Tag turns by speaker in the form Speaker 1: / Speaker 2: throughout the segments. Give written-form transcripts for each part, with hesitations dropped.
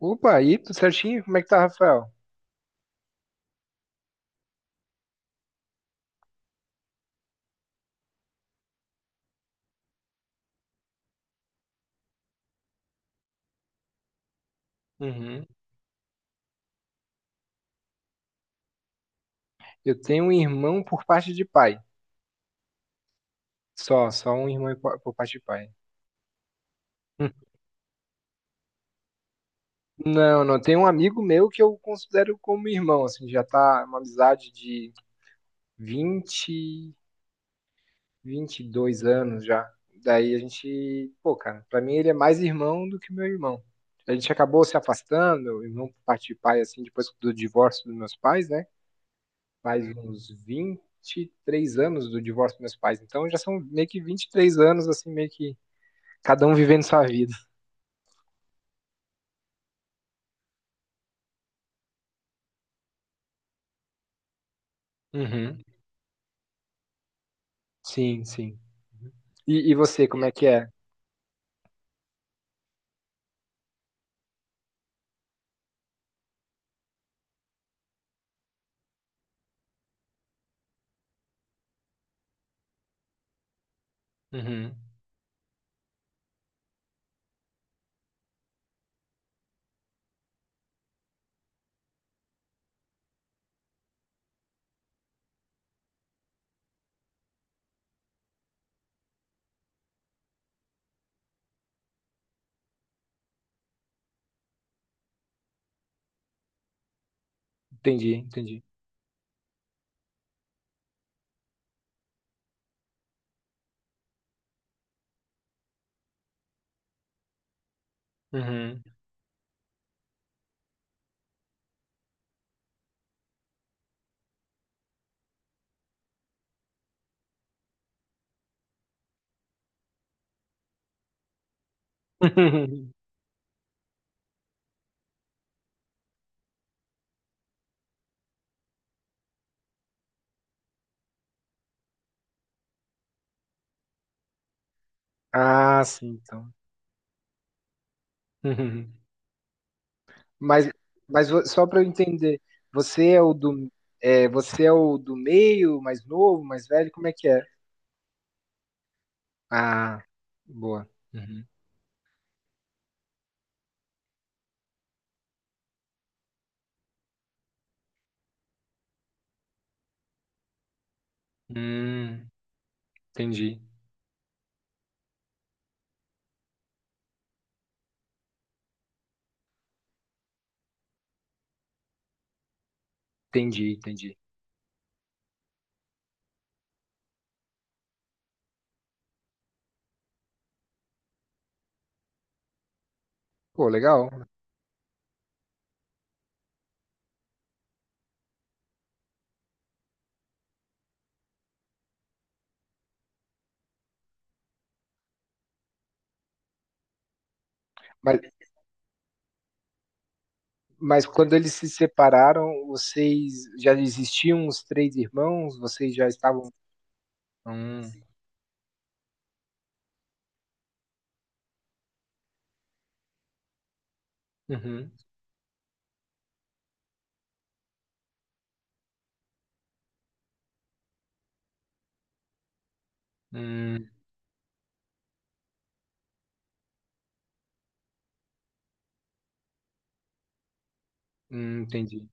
Speaker 1: Opa, aí, tudo certinho? Como é que tá, Rafael? Uhum. Eu tenho um irmão por parte de pai. Só, só um irmão por parte de pai. Hum. Não, não, tem um amigo meu que eu considero como irmão, assim, já tá uma amizade de vinte, 22 anos já. Daí a gente, pô, cara, pra mim ele é mais irmão do que meu irmão. A gente acabou se afastando, irmão por parte de pai, assim, depois do divórcio dos meus pais, né? Faz uns 23 anos do divórcio dos meus pais. Então já são meio que 23 anos, assim, meio que cada um vivendo sua vida. Uhum. Sim, sim. E você, como é que é? Uhum. Entendi, entendi. Uhum. Ah, sim, então. Uhum. Mas, mas só para eu entender, você é o do, você é o do meio, mais novo, mais velho, como é que é? Ah, boa. Uhum. Hum, entendi, entendi, entendi. Pô, legal. Mas quando eles se separaram, vocês já existiam os três irmãos? Vocês já estavam. Hum, uhum, hum, entendi.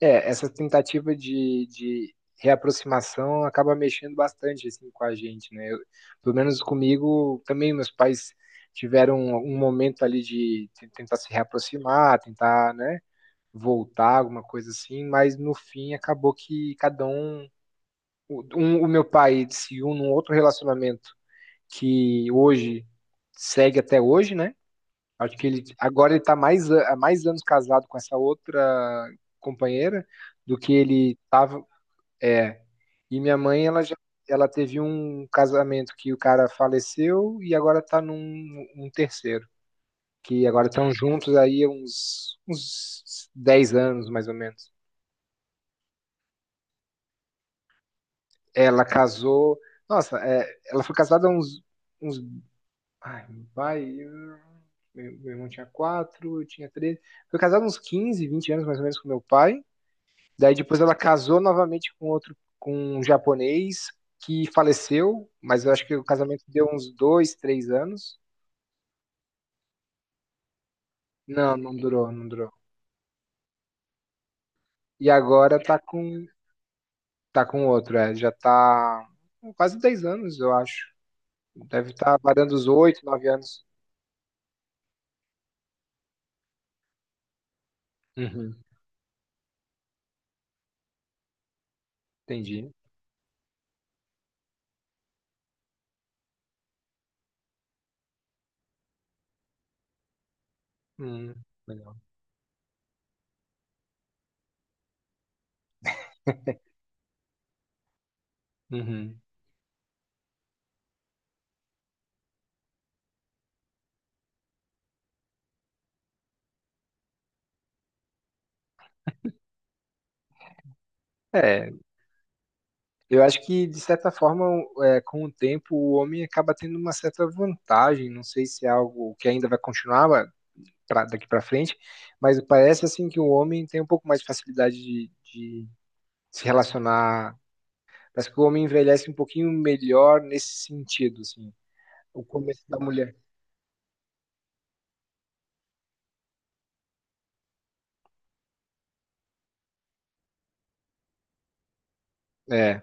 Speaker 1: É, essa tentativa de reaproximação acaba mexendo bastante assim, com a gente, né? Pelo menos comigo, também meus pais tiveram um momento ali de tentar se reaproximar, tentar, né, voltar, alguma coisa assim, mas no fim acabou que cada um. O meu pai se uniu num outro relacionamento que hoje segue até hoje, né? Acho que ele agora ele tá mais há mais anos casado com essa outra companheira do que ele estava. É. E minha mãe, ela teve um casamento que o cara faleceu e agora está num um terceiro, que agora estão juntos aí há uns 10 anos mais ou menos. Ela casou, nossa, é, ela foi casada há uns uns Ai, meu pai. Meu irmão tinha 4, eu tinha 3. Foi casado uns 15, 20 anos mais ou menos com meu pai. Daí depois ela casou novamente com outro, com um japonês que faleceu, mas eu acho que o casamento deu uns 2, 3 anos. Não, não durou, não durou. E agora tá com outro, é, já tá com quase 10 anos, eu acho. Deve estar tá varando os 8, 9 anos. Uhum, entendi. Hum, legal. Uhum. É, eu acho que, de certa forma, é, com o tempo, o homem acaba tendo uma certa vantagem. Não sei se é algo que ainda vai continuar daqui para frente, mas parece assim que o homem tem um pouco mais de facilidade de se relacionar. Parece que o homem envelhece um pouquinho melhor nesse sentido, assim. O começo da mulher. É.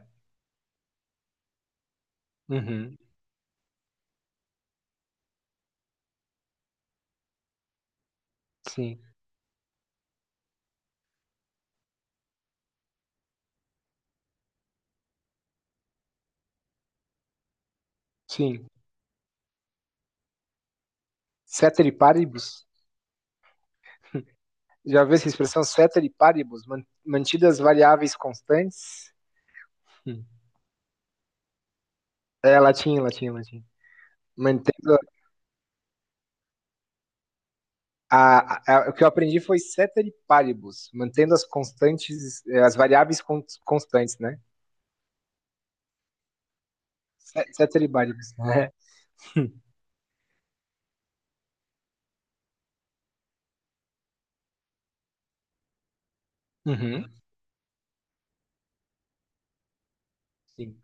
Speaker 1: Uhum. Sim. Sim. Ceteris paribus. Já viu essa expressão ceteris paribus? Mantidas variáveis constantes? Hum. É latim, latim, latim. Mantendo o que eu aprendi foi ceteris paribus, mantendo as constantes, as variáveis constantes, né? Ceteris paribus, né? Uhum, sim.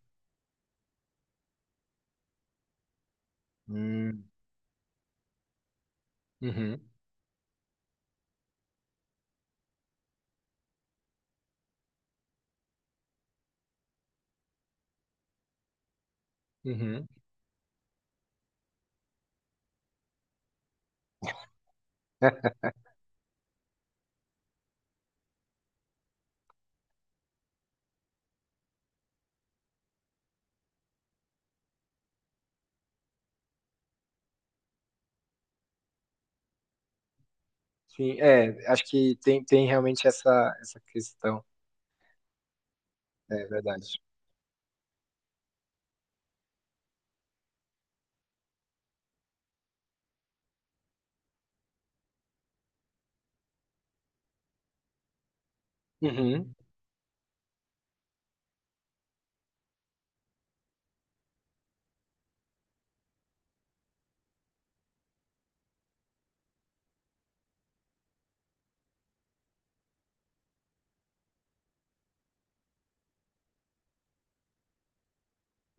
Speaker 1: Hum, uhum, uhum. É, sim, é, acho que tem realmente essa questão, é verdade. Uhum,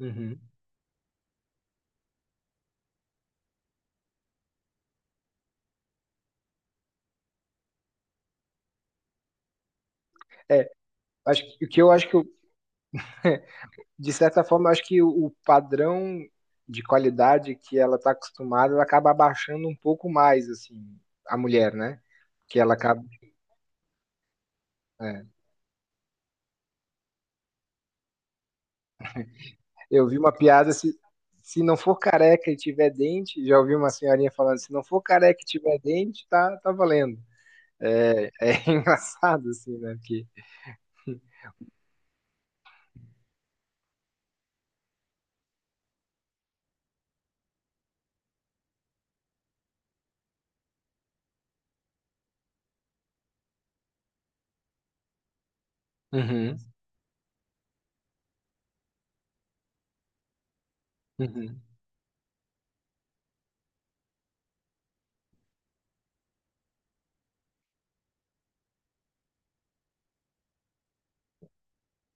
Speaker 1: uhum. É, acho que o que eu acho que, eu, de certa forma, eu acho que o padrão de qualidade que ela está acostumada, ela acaba abaixando um pouco mais, assim, a mulher, né? Que ela acaba. É. Eu vi uma piada se não for careca e tiver dente, já ouvi uma senhorinha falando, se não for careca e tiver dente, tá, tá valendo. É engraçado, assim, né? Porque. Uhum, uhum.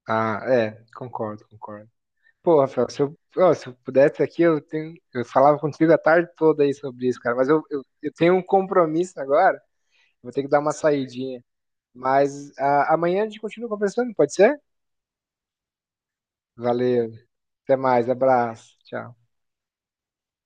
Speaker 1: Ah, é, concordo, concordo. Pô, Rafael, se eu pudesse aqui, eu falava contigo a tarde toda aí sobre isso, cara, mas eu tenho um compromisso agora, vou ter que dar uma saidinha. Mas amanhã a gente continua conversando, pode ser? Valeu, até mais, abraço, tchau.